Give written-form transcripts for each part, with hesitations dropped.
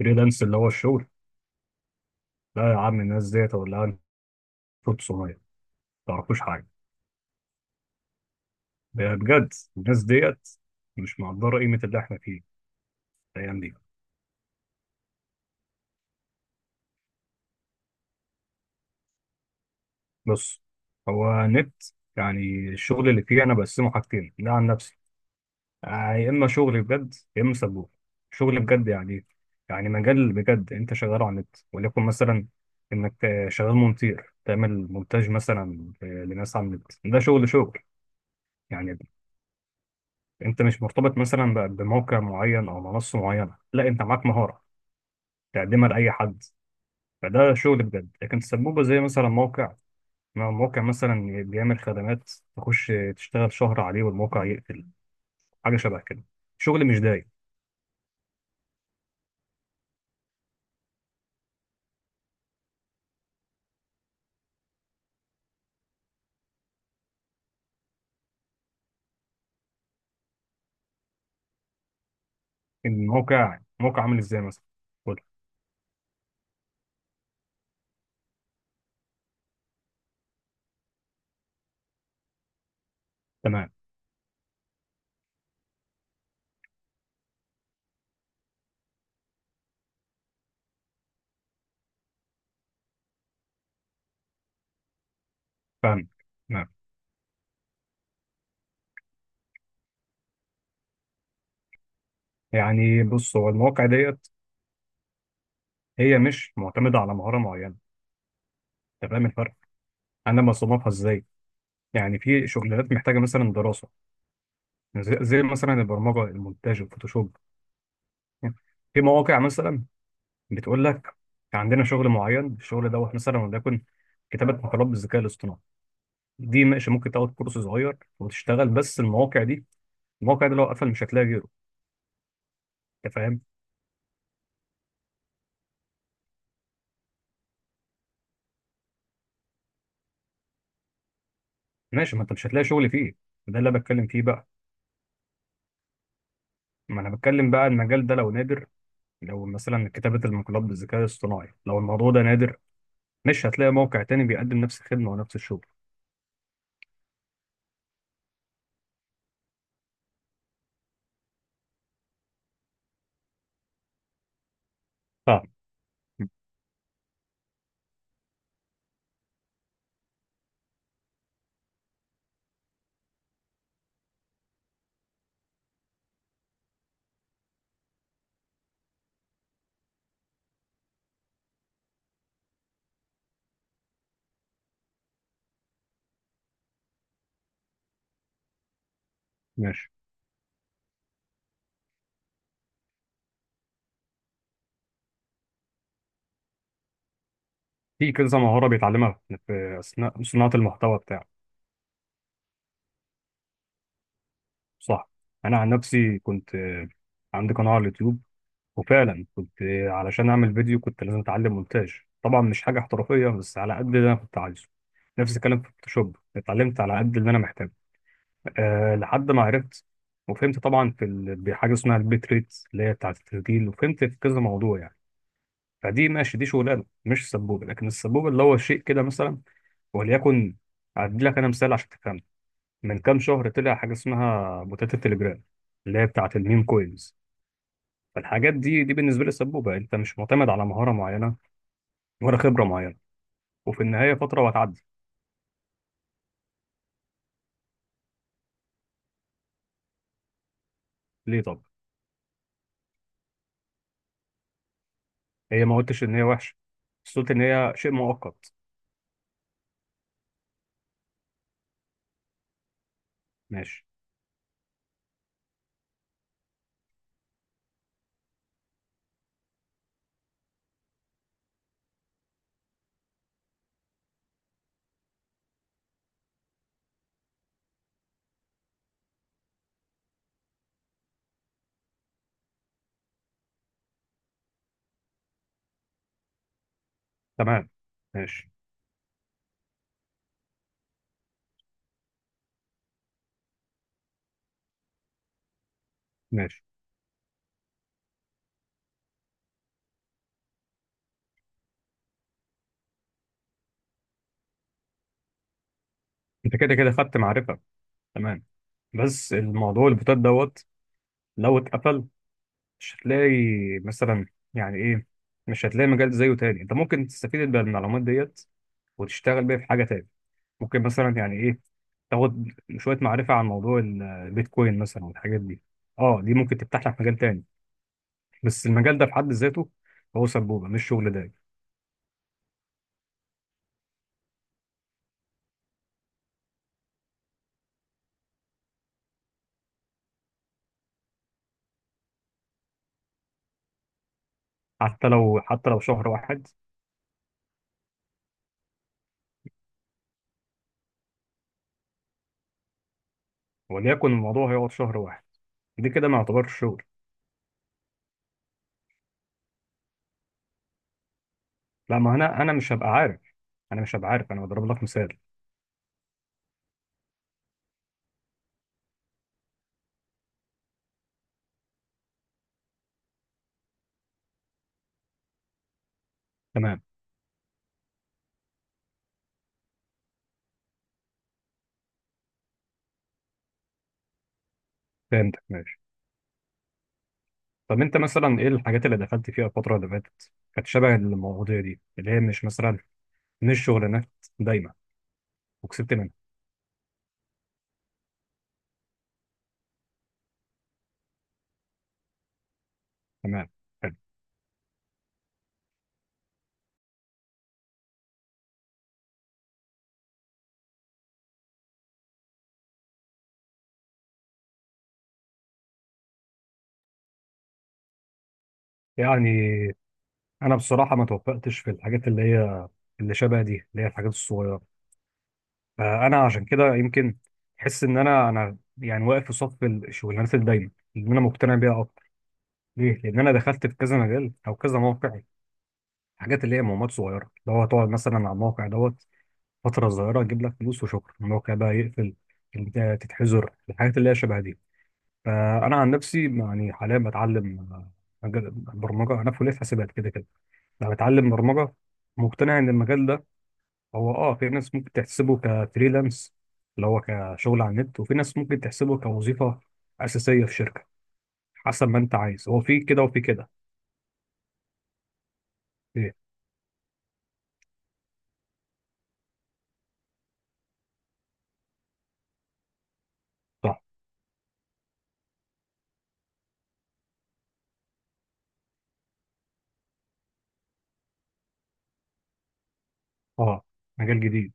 فريلانس اللي هو الشغل. لا يا عم، الناس ديت ولا انتوا 900 ما تعرفوش حاجه. بجد الناس ديت مش مقدره قيمه اللي احنا فيه الايام دي. بص، هو نت، يعني الشغل اللي فيه انا بقسمه حاجتين ده عن نفسي. يا اما شغل بجد يا اما سبوب. شغل بجد يعني إيه؟ يعني مجال بجد انت شغال على النت، وليكن مثلا انك شغال مونتير، تعمل مونتاج مثلا، لناس على النت، ده شغل يعني. انت مش مرتبط مثلا بموقع معين او منصه معينه، لا انت معاك مهاره تقدمها لاي حد. فده شغل بجد، لكن سبوبه زي مثلا موقع، ما هو موقع مثلا بيعمل خدمات، تخش تشتغل شهر عليه والموقع يقفل، حاجه شبه كده، شغل مش دايم. الموقع موقع عامل ازاي مثلا؟ قول. تمام. فاهم. تمام. يعني بص، هو المواقع ديت هي مش معتمده على مهاره معينه. انت فاهم الفرق؟ انا بصنفها ازاي؟ يعني في شغلانات محتاجه مثلا دراسه، زي مثلا البرمجه، المونتاج، الفوتوشوب. يعني في مواقع مثلا بتقول لك عندنا شغل معين، الشغل دوت مثلا، وليكن كتابه مقالات بالذكاء الاصطناعي، دي ماشي، ممكن تاخد كورس صغير وتشتغل. بس المواقع دي، المواقع دي لو قفل مش هتلاقي غيره. انت فاهم؟ ماشي، ما انت مش هتلاقي شغل فيه. ده اللي أنا بتكلم فيه بقى. ما انا بتكلم بقى، المجال ده لو نادر، لو مثلا كتابه المقالات بالذكاء الاصطناعي، لو الموضوع ده نادر، مش هتلاقي موقع تاني بيقدم نفس الخدمه ونفس الشغل. فاهم. ماشي. في كذا مهارة بيتعلمها في أثناء صناعة المحتوى بتاعه. صح. أنا عن نفسي كنت عندي قناة على اليوتيوب، وفعلا كنت علشان أعمل فيديو كنت لازم أتعلم مونتاج. طبعا مش حاجة احترافية، بس على قد اللي أنا كنت عايزه. نفس الكلام في فوتوشوب، اتعلمت على قد اللي أنا محتاجه. أه لحد ما عرفت وفهمت طبعا في بحاجة اسمها البيت ريت، اللي هي بتاعة التسجيل، وفهمت في كذا موضوع يعني. فدي ماشي، دي شغلانة مش سبوبة. لكن السبوبة اللي هو شيء كده مثلا، وليكن، أدي لك أنا مثال عشان تفهم. من كام شهر طلع حاجة اسمها بوتات التليجرام، اللي هي بتاعة الميم كوينز. فالحاجات دي بالنسبة لي سبوبة، انت مش معتمد على مهارة معينة ولا خبرة معينة، وفي النهاية فترة وهتعدي. ليه؟ طب هي ما قلتش ان هي وحشة، بس قلت ان هي شيء مؤقت. ماشي. تمام. ماشي. ماشي. انت كده كده خدت معرفة. تمام. بس الموضوع البوتات دوت، لو اتقفل مش هتلاقي مثلا، يعني ايه، مش هتلاقي مجال زيه تاني. انت ممكن تستفيد بالمعلومات ديت وتشتغل بيه في حاجه تاني. ممكن مثلا، يعني ايه، تاخد شويه معرفه عن موضوع البيتكوين مثلا والحاجات دي. اه دي ممكن تفتح لك مجال تاني. بس المجال ده في حد ذاته هو سبوبه مش شغل دايم. حتى لو، حتى لو شهر واحد، وليكن الموضوع هيقعد شهر واحد، دي كده ما يعتبرش شغل. لا، ما انا مش هبقى عارف، انا مش هبقى عارف، انا بضرب لك مثال. تمام. فهمتك. ماشي. طب انت مثلا ايه الحاجات اللي دخلت فيها الفتره اللي فاتت، كانت شبه المواضيع دي اللي هي مش مثلا، مش شغلانات دايما، وكسبت منها؟ تمام. يعني انا بصراحه ما توفقتش في الحاجات اللي هي اللي شبه دي، اللي هي الحاجات الصغيره. فانا عشان كده يمكن احس ان انا يعني واقف في صف الشغلانات الدايمه اللي انا مقتنع بيها اكتر. ليه؟ لان انا دخلت في كذا مجال او كذا موقع، حاجات اللي هي مهمات صغيره، اللي هو تقعد مثلا على الموقع دوت فتره صغيره، تجيب لك فلوس وشكرا، الموقع بقى يقفل. انت تتحذر الحاجات اللي هي شبه دي. فانا عن نفسي يعني حاليا بتعلم برمجه، انا في كليه حاسبات كده كده. لو هتعلم برمجة، مقتنع إن المجال ده هو في ناس ممكن تحسبه كفريلانس، اللي هو كشغل على النت، وفي ناس ممكن تحسبه كوظيفة أساسية في شركة. حسب ما أنت عايز، هو في كده وفي كده. إيه. صح. آه. مجال جديد،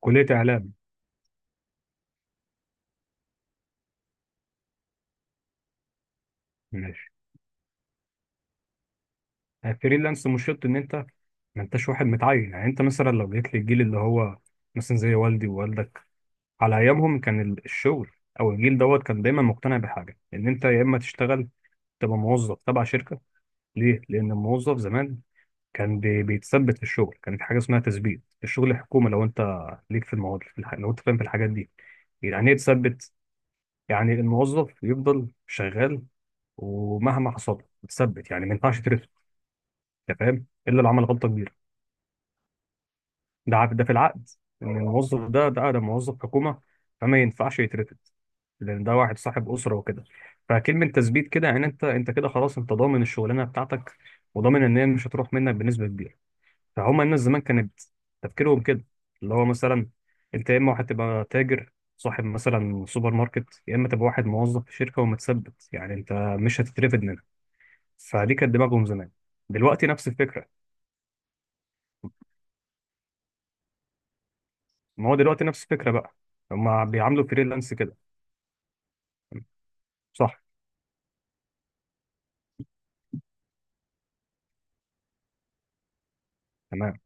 كلية إعلام. ماشي. فريلانس مش شرط إن أنت ما أنتش واحد متعين. يعني أنت مثلا لو جيت للجيل اللي هو مثلا زي والدي ووالدك، على أيامهم كان الشغل، أو الجيل دوت، كان دايما مقتنع بحاجة إن أنت يا إما تشتغل تبقى موظف تبع شركة. ليه؟ لأن الموظف زمان كان بيتثبت في الشغل، كانت حاجة اسمها تثبيت، الشغل الحكومي لو أنت ليك في المواد في لو أنت فاهم في الحاجات دي. يعني إيه تثبت؟ يعني الموظف يفضل شغال ومهما حصل له يتثبت، يعني ما ينفعش ترفد، أنت فاهم؟ إلا لو عمل غلطة كبيرة. ده في العقد، إن الموظف ده موظف حكومة، فما ينفعش يترفد، لأن ده واحد صاحب أسرة وكده. فكلمة تثبيت كده يعني أنت، كده خلاص أنت ضامن الشغلانة بتاعتك، وضامن إن هي مش هتروح منك بنسبة كبيرة. فهم الناس زمان كانت تفكيرهم كده، اللي هو مثلا انت يا اما هتبقى تاجر صاحب مثلا سوبر ماركت، يا اما تبقى واحد موظف في شركه ومتثبت، يعني انت مش هتترفد منها. فدي كانت دماغهم زمان. دلوقتي نفس الفكره، ما هو دلوقتي نفس الفكره بقى، هم بيعاملوا فريلانس كده. صح. تمام.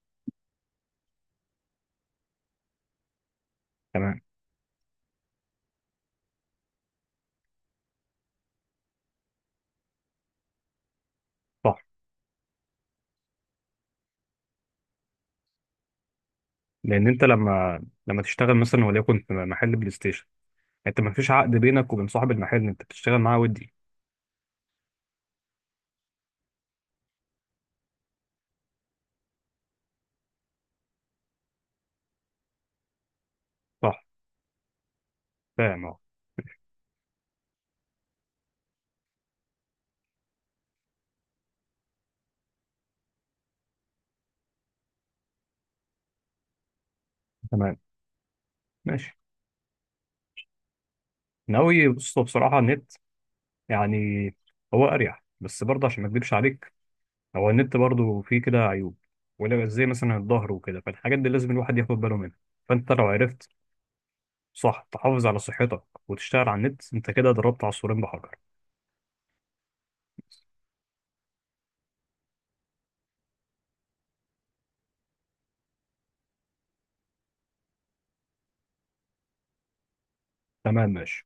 تمام. صح. لان انت لما تشتغل مثلا وليكن في محل بلاي ستيشن، انت ما فيش عقد بينك وبين صاحب المحل انت بتشتغل معاه ودي. صح. فاهم اهو. تمام. ماشي. ناوي، بص بصراحه النت، يعني هو اريح، بس برضه عشان ما اكدبش عليك، هو النت برضه فيه كده عيوب، ولا زي مثلا الظهر وكده، فالحاجات دي لازم الواحد ياخد باله منها. فانت لو عرفت، صح، تحافظ على صحتك وتشتغل على النت، انت كده ضربت عصفورين بحجر. تمام. ماشي.